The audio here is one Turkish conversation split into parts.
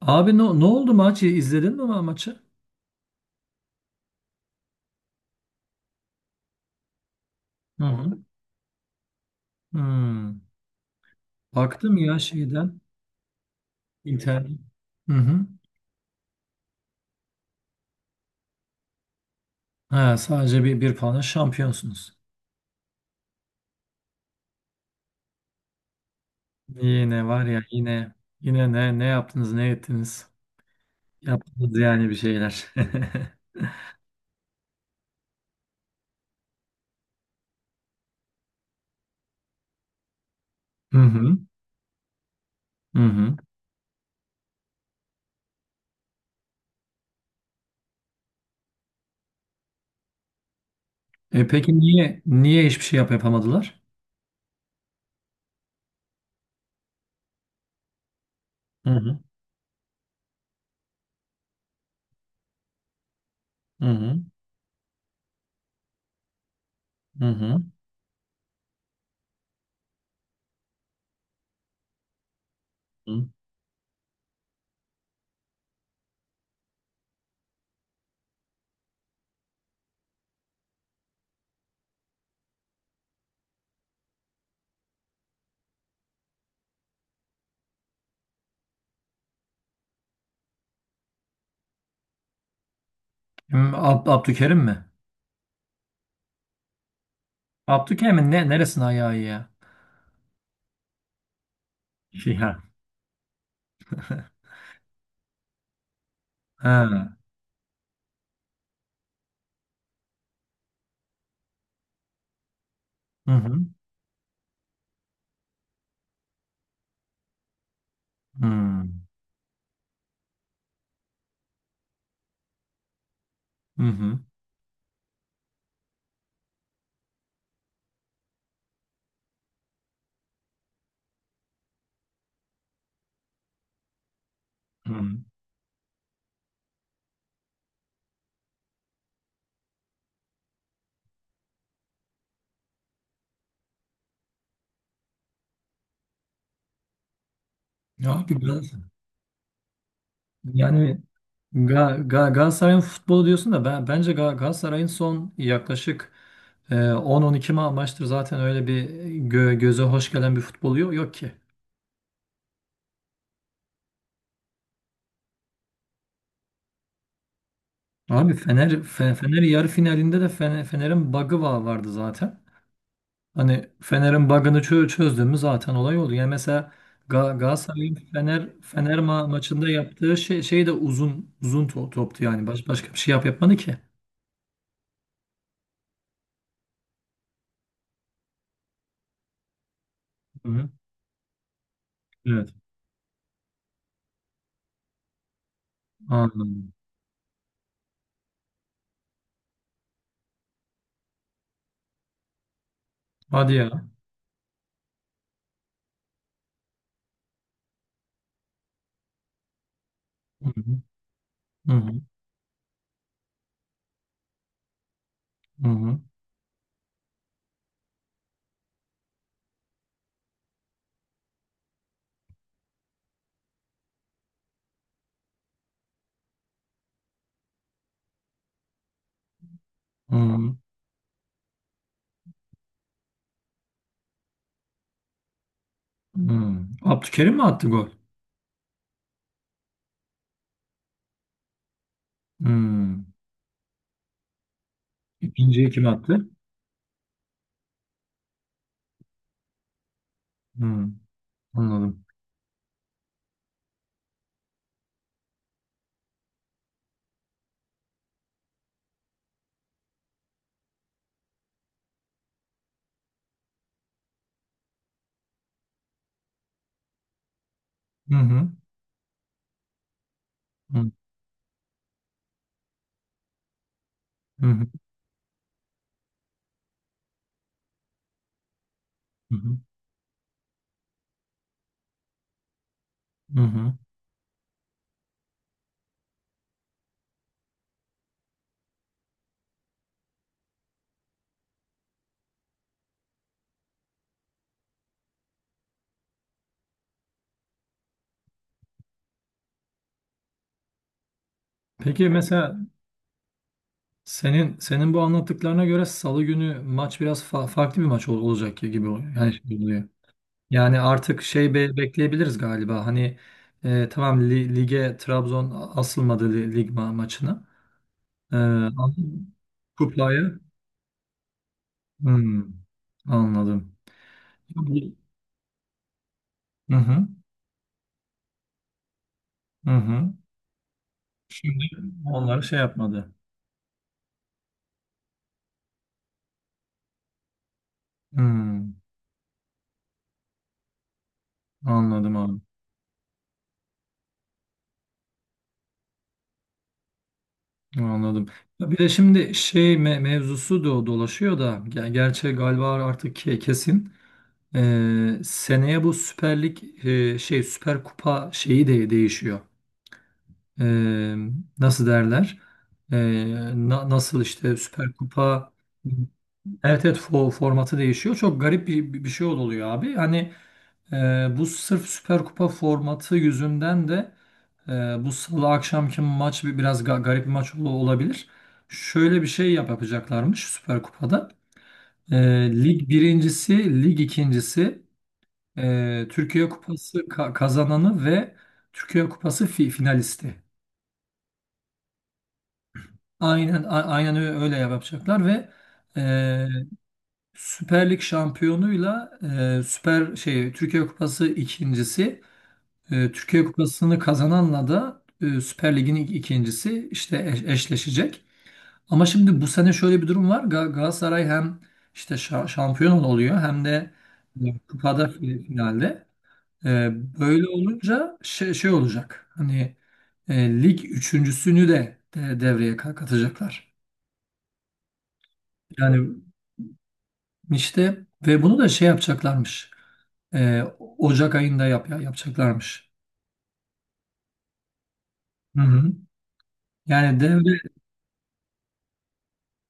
Abi ne oldu maç? İzledin mi maçı? Hı hı. Hmm. Baktım ya şeyden internet. Hı hı. Ha, sadece bir puanla şampiyonsunuz. Yine var ya yine ne yaptınız ne ettiniz? Yaptınız yani bir şeyler. Hı hı. Hı hı. E peki niye hiçbir şey yapamadılar? Hı hı. Hı hı. Hı hı. Hı. Kim? Abdülkerim mi? Abdülkerim'in neresine ayağı iyi ya? Ya. Ha. Hı hı. Hı. Hı hı. Hı hı. Ya abi biraz yani Ga Galatasaray'ın futbolu diyorsun da bence Galatasaray'ın son yaklaşık 10-12 maçtır zaten öyle bir göze hoş gelen bir futbolu yok, yok ki. Abi Fener yarı finalinde de Fener'in bug'ı vardı zaten. Hani Fener'in bug'ını çözdüğümüz zaten olay oldu. Yani mesela Galatasaray'ın Fener maçında yaptığı şey de uzun uzun toptu yani. Başka bir şey yapmadı ki. Hı hı. Evet. Anladım. Hadi ya. Hı hı. Hı hı. Hı hı. Hı hı. Hı. Abdülkerim mi attı gol? Hı. İkinciyi kim attı? Hı. Anladım. Hı hı. Hı hı. Hı hı. Hı hı. Peki mesela senin bu anlattıklarına göre Salı günü maç biraz farklı bir maç olacak gibi oluyor. Yani, şey oluyor. Yani artık şey bekleyebiliriz galiba. Hani tamam lige Trabzon asılmadı lig maçına. Ama kupaya. Hmm, Anladım. Bu- Hı hı, hı hı. Şimdi onları şey yapmadı. Hmm, Anladım abi. Anladım. Ya bir de şimdi şey mevzusu da dolaşıyor da gerçi galiba artık kesin. Seneye bu Süper Lig şey Süper Kupa şeyi de değişiyor. Ee, Nasıl derler? Ee, Nasıl işte Süper Kupa. Evet evet formatı değişiyor. Çok garip bir şey oluyor abi. Hani bu sırf Süper Kupa formatı yüzünden de e, bu salı akşamki maç biraz garip bir maç olabilir. Şöyle bir şey yapacaklarmış Süper Kupa'da. Lig birincisi, lig ikincisi, Türkiye Kupası kazananı ve Türkiye Kupası finalisti. Aynen öyle yapacaklar ve e, Süper Lig şampiyonuyla Süper şey Türkiye Kupası ikincisi. Türkiye Kupası'nı kazananla da Süper Lig'in ilk ikincisi işte eşleşecek. Ama şimdi bu sene şöyle bir durum var. Galatasaray hem işte şampiyon oluyor hem de kupada finalde. E, Böyle olunca şey olacak. Hani lig üçüncüsünü de devreye katacaklar. Yani işte ve bunu da şey yapacaklarmış. E, Ocak ayında yapacaklarmış. Hı hı. Yani devre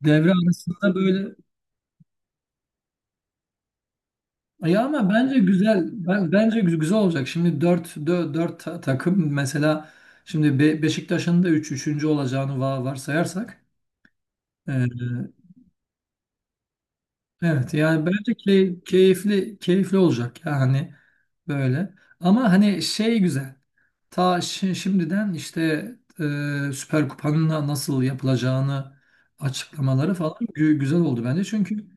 devre arasında böyle. Ya ama bence güzel bence güzel olacak. Şimdi dört takım mesela şimdi Beşiktaş'ın da üçüncü olacağını varsayarsak e, evet yani bence keyifli keyifli olacak ya hani böyle. Ama hani şey güzel. Ta şimdiden işte Süper Kupa'nın nasıl yapılacağını açıklamaları falan güzel oldu bence. Çünkü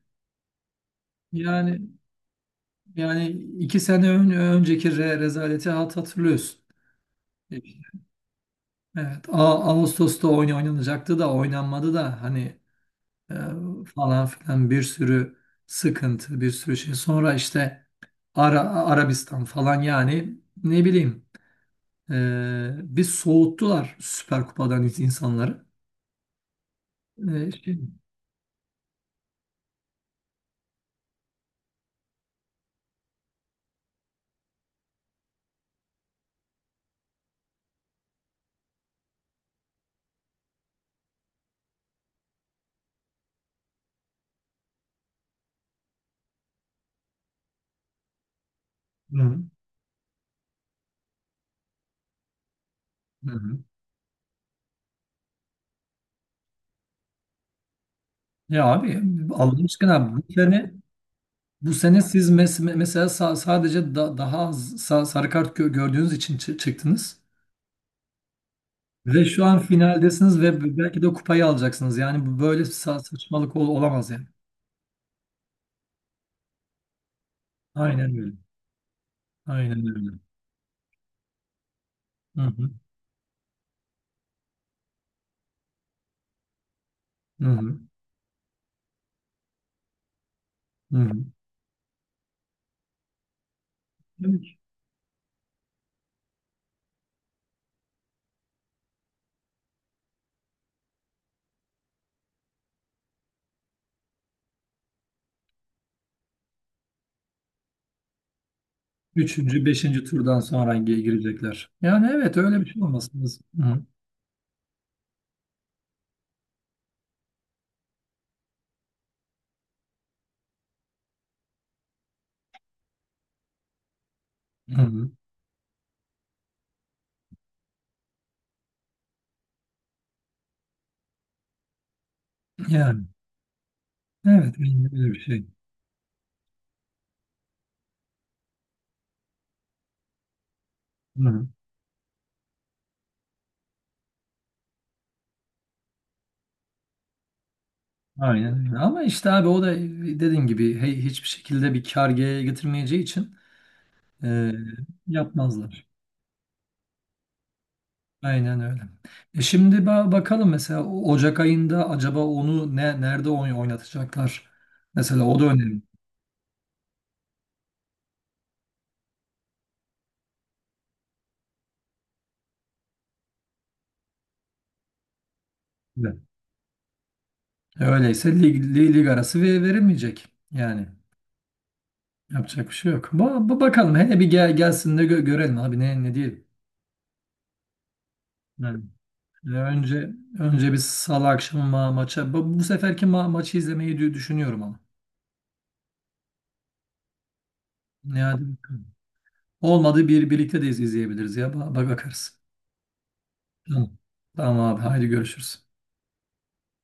yani yani iki sene önceki rezaleti hatırlıyorsun. Evet, Ağustos'ta oyun oynanacaktı da oynanmadı da hani e, falan filan bir sürü sıkıntı, bir sürü şey. Sonra işte Arabistan falan yani ne bileyim e, bir soğuttular Süper Kupa'dan insanları. E, şey, hı, hı. Hı. Ya abi Allah aşkına bu sene siz mesela sadece daha az sarı kart gördüğünüz için çıktınız. Ve şu an finaldesiniz ve belki de kupayı alacaksınız. Yani bu böyle saçmalık olamaz yani. Aynen öyle. Aynen öyle. Hı hı. Hı hı. Hı hı. Evet. Üçüncü, beşinci turdan sonra girecekler. Yani evet öyle bir şey olmasın. Hı hı. Hı hı. Yani evet öyle bir şey. Hı hı. Aynen öyle. Ama işte abi o da dediğim gibi hiçbir şekilde bir kar getirmeyeceği için e, yapmazlar. Aynen öyle. Şimdi bakalım mesela Ocak ayında acaba onu nerede oynatacaklar? Mesela o da önemli. Evet. Öyleyse lig arası verilmeyecek. Yani yapacak bir şey yok. Bakalım hele bir gelsin de görelim abi ne diyelim. Yani e, önce önce bir salı akşamı maça bu seferki maçı izlemeyi düşünüyorum ama. Ne hadi bakalım. Olmadı birlikte de izleyebiliriz ya. Ba bak Bakarız. Tamam. Tamam abi haydi görüşürüz.